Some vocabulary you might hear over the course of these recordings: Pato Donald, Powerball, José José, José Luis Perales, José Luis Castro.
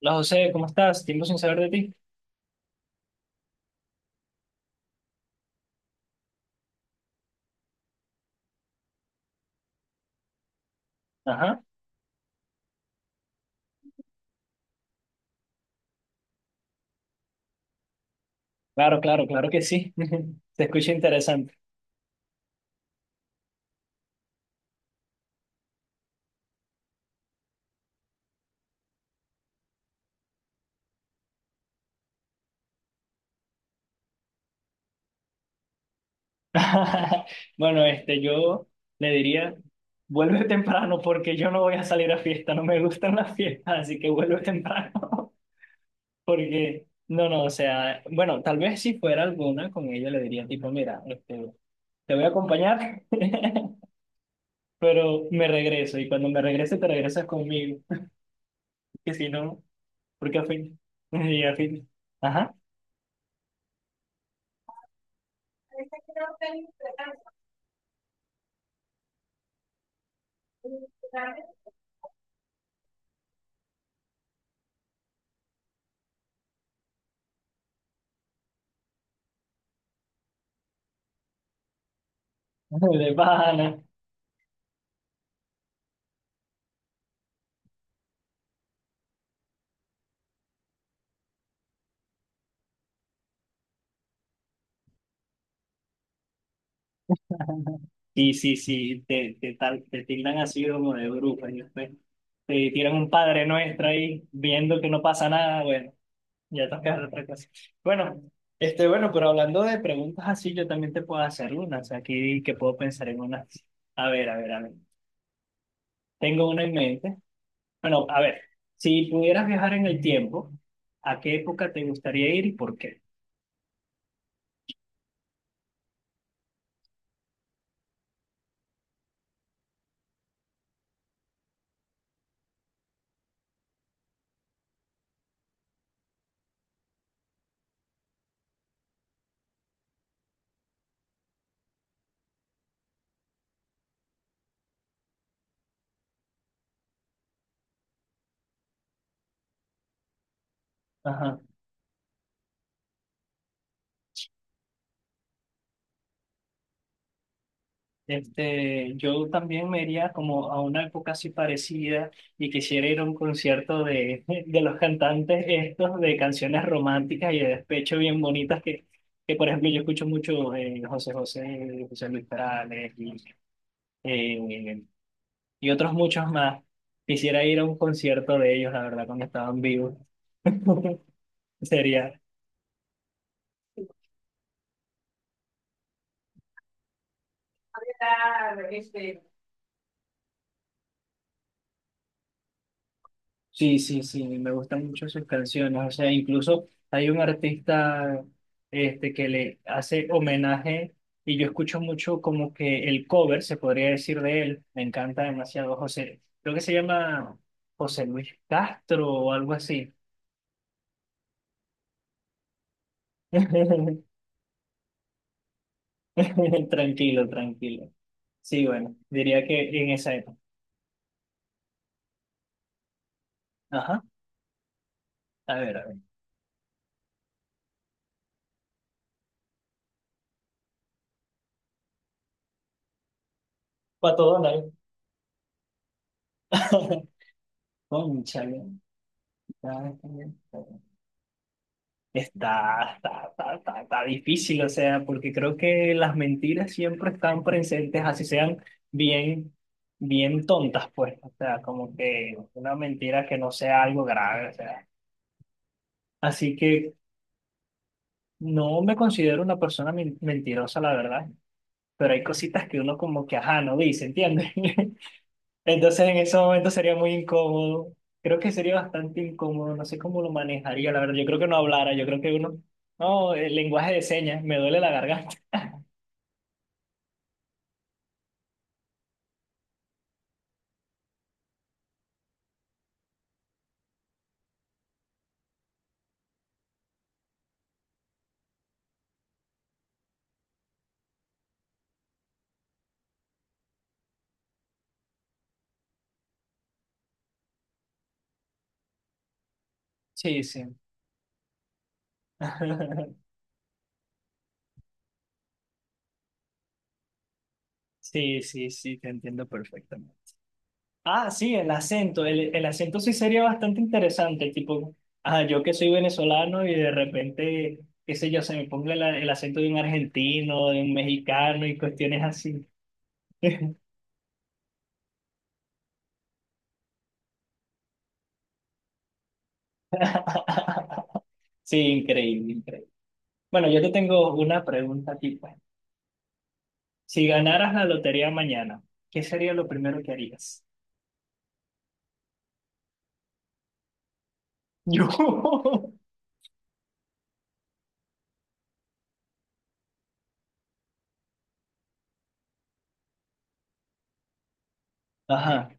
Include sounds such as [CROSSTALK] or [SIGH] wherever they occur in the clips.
Hola José, ¿cómo estás? Tiempo sin saber de ti. Ajá, claro, claro, claro que sí. [LAUGHS] Se escucha interesante. [LAUGHS] Bueno, yo le diría, vuelve [LAUGHS] temprano porque yo no voy a salir a fiesta, no me gustan las fiestas, así que vuelve temprano. [LAUGHS] Porque, no, no, o sea, bueno, tal vez si fuera alguna con ella le diría tipo, mira, te voy a acompañar, [LAUGHS] pero me regreso y cuando me regrese te regresas conmigo, [LAUGHS] que si no, porque a fin, [LAUGHS] y a fin. Ajá. De pana. Sí, sí, sí, te tildan así como de bruja, y después te tiran un padre nuestro ahí viendo que no pasa nada, bueno, ya toca otra cosa. Bueno, bueno, pero hablando de preguntas así, yo también te puedo hacer unas, aquí que puedo pensar en unas. A ver, a ver, a ver. Tengo una en mente. Bueno, a ver, si pudieras viajar en el tiempo, ¿a qué época te gustaría ir y por qué? Ajá. Yo también me iría como a una época así parecida y quisiera ir a un concierto de, [LAUGHS] de los cantantes estos de canciones románticas y de despecho bien bonitas que por ejemplo yo escucho mucho José José, José Luis Perales eh, y otros muchos más. Quisiera ir a un concierto de ellos, la verdad, cuando estaban vivos. [LAUGHS] Sería. Sí, sí, sí, me gustan mucho sus canciones. O sea, incluso hay un artista que le hace homenaje y yo escucho mucho como que el cover, se podría decir de él. Me encanta demasiado José. Creo que se llama José Luis Castro o algo así. [LAUGHS] Tranquilo, tranquilo. Sí, bueno, diría que en esa época. Ajá, a ver, a ver. Pato Donald. [LAUGHS] Cónchale. Está difícil, o sea, porque creo que las mentiras siempre están presentes, así sean bien, bien tontas, pues, o sea, como que una mentira que no sea algo grave, o sea. Así que no me considero una persona mentirosa, la verdad, pero hay cositas que uno como que, ajá, no dice, ¿entiendes? [LAUGHS] Entonces en ese momento sería muy incómodo, creo que sería bastante incómodo, no sé cómo lo manejaría, la verdad, yo creo que no hablara, yo creo que uno... No, el lenguaje de señas, me duele la garganta. Sí, sí. [LAUGHS] Sí, sí, sí, te entiendo perfectamente. Ah, sí, el acento. El acento sí sería bastante interesante. Tipo, ah, yo que soy venezolano y de repente, qué sé yo, se me ponga el acento de un argentino, de un mexicano y cuestiones así. [LAUGHS] Sí, increíble, increíble. Bueno, yo te tengo una pregunta tipo. Si ganaras la lotería mañana, ¿qué sería lo primero que harías? [LAUGHS] Yo. Ajá.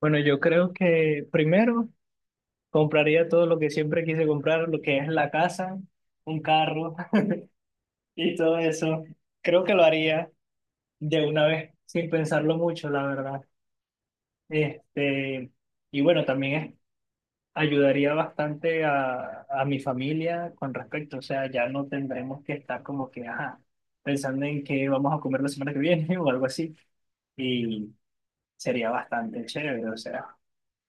Bueno, yo creo que primero. Compraría todo lo que siempre quise comprar, lo que es la casa, un carro [LAUGHS] y todo eso. Creo que lo haría de una vez, sin pensarlo mucho, la verdad. Este, y bueno, también ayudaría bastante a mi familia con respecto. O sea, ya no tendremos que estar como que, ajá, pensando en qué vamos a comer la semana que viene [LAUGHS] o algo así. Y sería bastante chévere, o sea.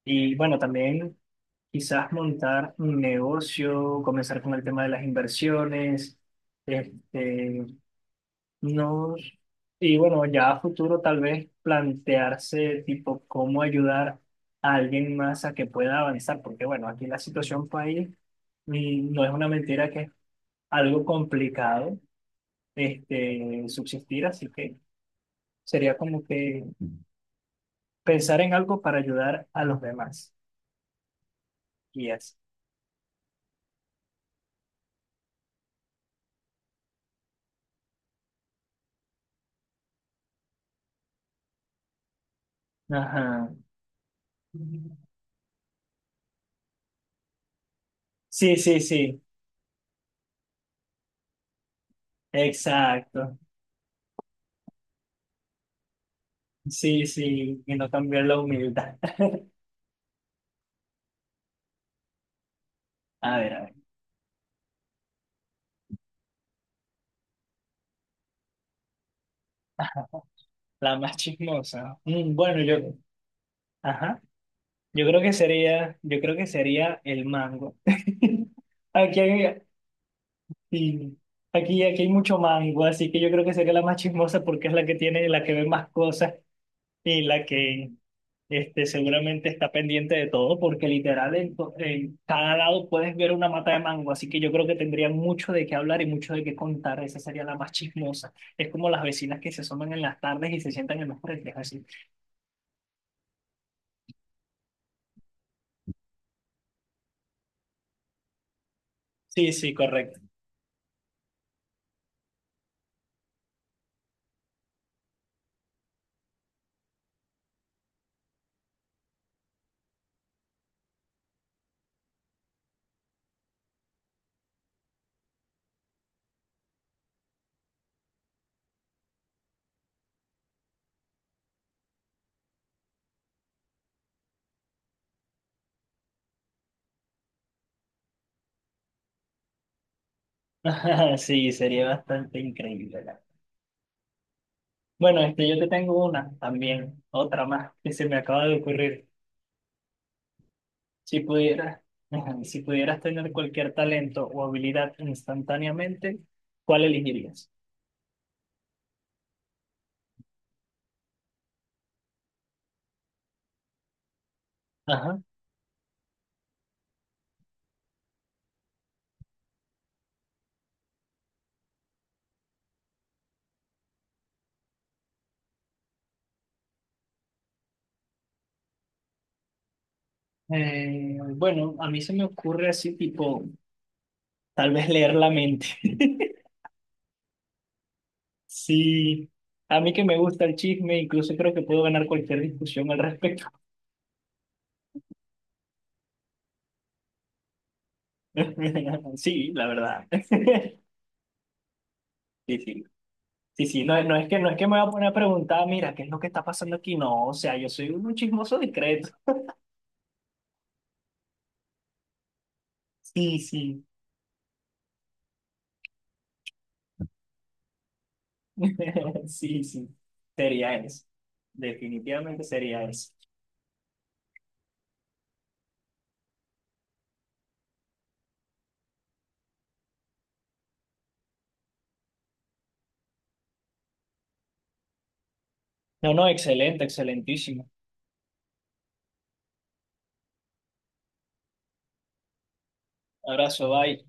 Y bueno, también. Quizás montar un negocio, comenzar con el tema de las inversiones, este, no, y bueno, ya a futuro tal vez plantearse tipo cómo ayudar a alguien más a que pueda avanzar, porque bueno, aquí la situación país y no es una mentira que es algo complicado subsistir, así que sería como que pensar en algo para ayudar a los demás. Y así. Ajá. Sí, sí, sí. Exacto. Sí, sí, y no cambiar la humildad. [LAUGHS] A ver, a ver. [LAUGHS] Ajá. La más chismosa. Mm, bueno, yo, ajá. Yo creo que sería, yo creo que sería el mango. [LAUGHS] Aquí hay, sí, aquí, aquí hay mucho mango, así que yo creo que sería la más chismosa porque es la que tiene, la que ve más cosas y la que. Seguramente está pendiente de todo porque literal en, en cada lado puedes ver una mata de mango, así que yo creo que tendrían mucho de qué hablar y mucho de qué contar. Esa sería la más chismosa. Es como las vecinas que se asoman en las tardes y se sientan en los frentes, así. Sí, sí, correcto. [LAUGHS] Sí, sería bastante increíble. La- Bueno, yo te tengo una también, otra más que se me acaba de ocurrir. Si pudieras, [LAUGHS] si pudieras tener cualquier talento o habilidad instantáneamente, ¿cuál elegirías? Bueno, a mí se me ocurre así, tipo, tal vez leer la mente. [LAUGHS] Sí, a mí que me gusta el chisme, incluso creo que puedo ganar cualquier discusión al respecto. [LAUGHS] Sí, la verdad. [LAUGHS] Sí, sí. Sí, sí, no es que me voy a poner a preguntar, mira, ¿qué es lo que está pasando aquí? No, o sea, yo soy un chismoso discreto. Sí, sí. [LAUGHS] Sí, sí. Sería eso. Definitivamente sería eso. No, no, excelente, excelentísimo. Abrazo, bye.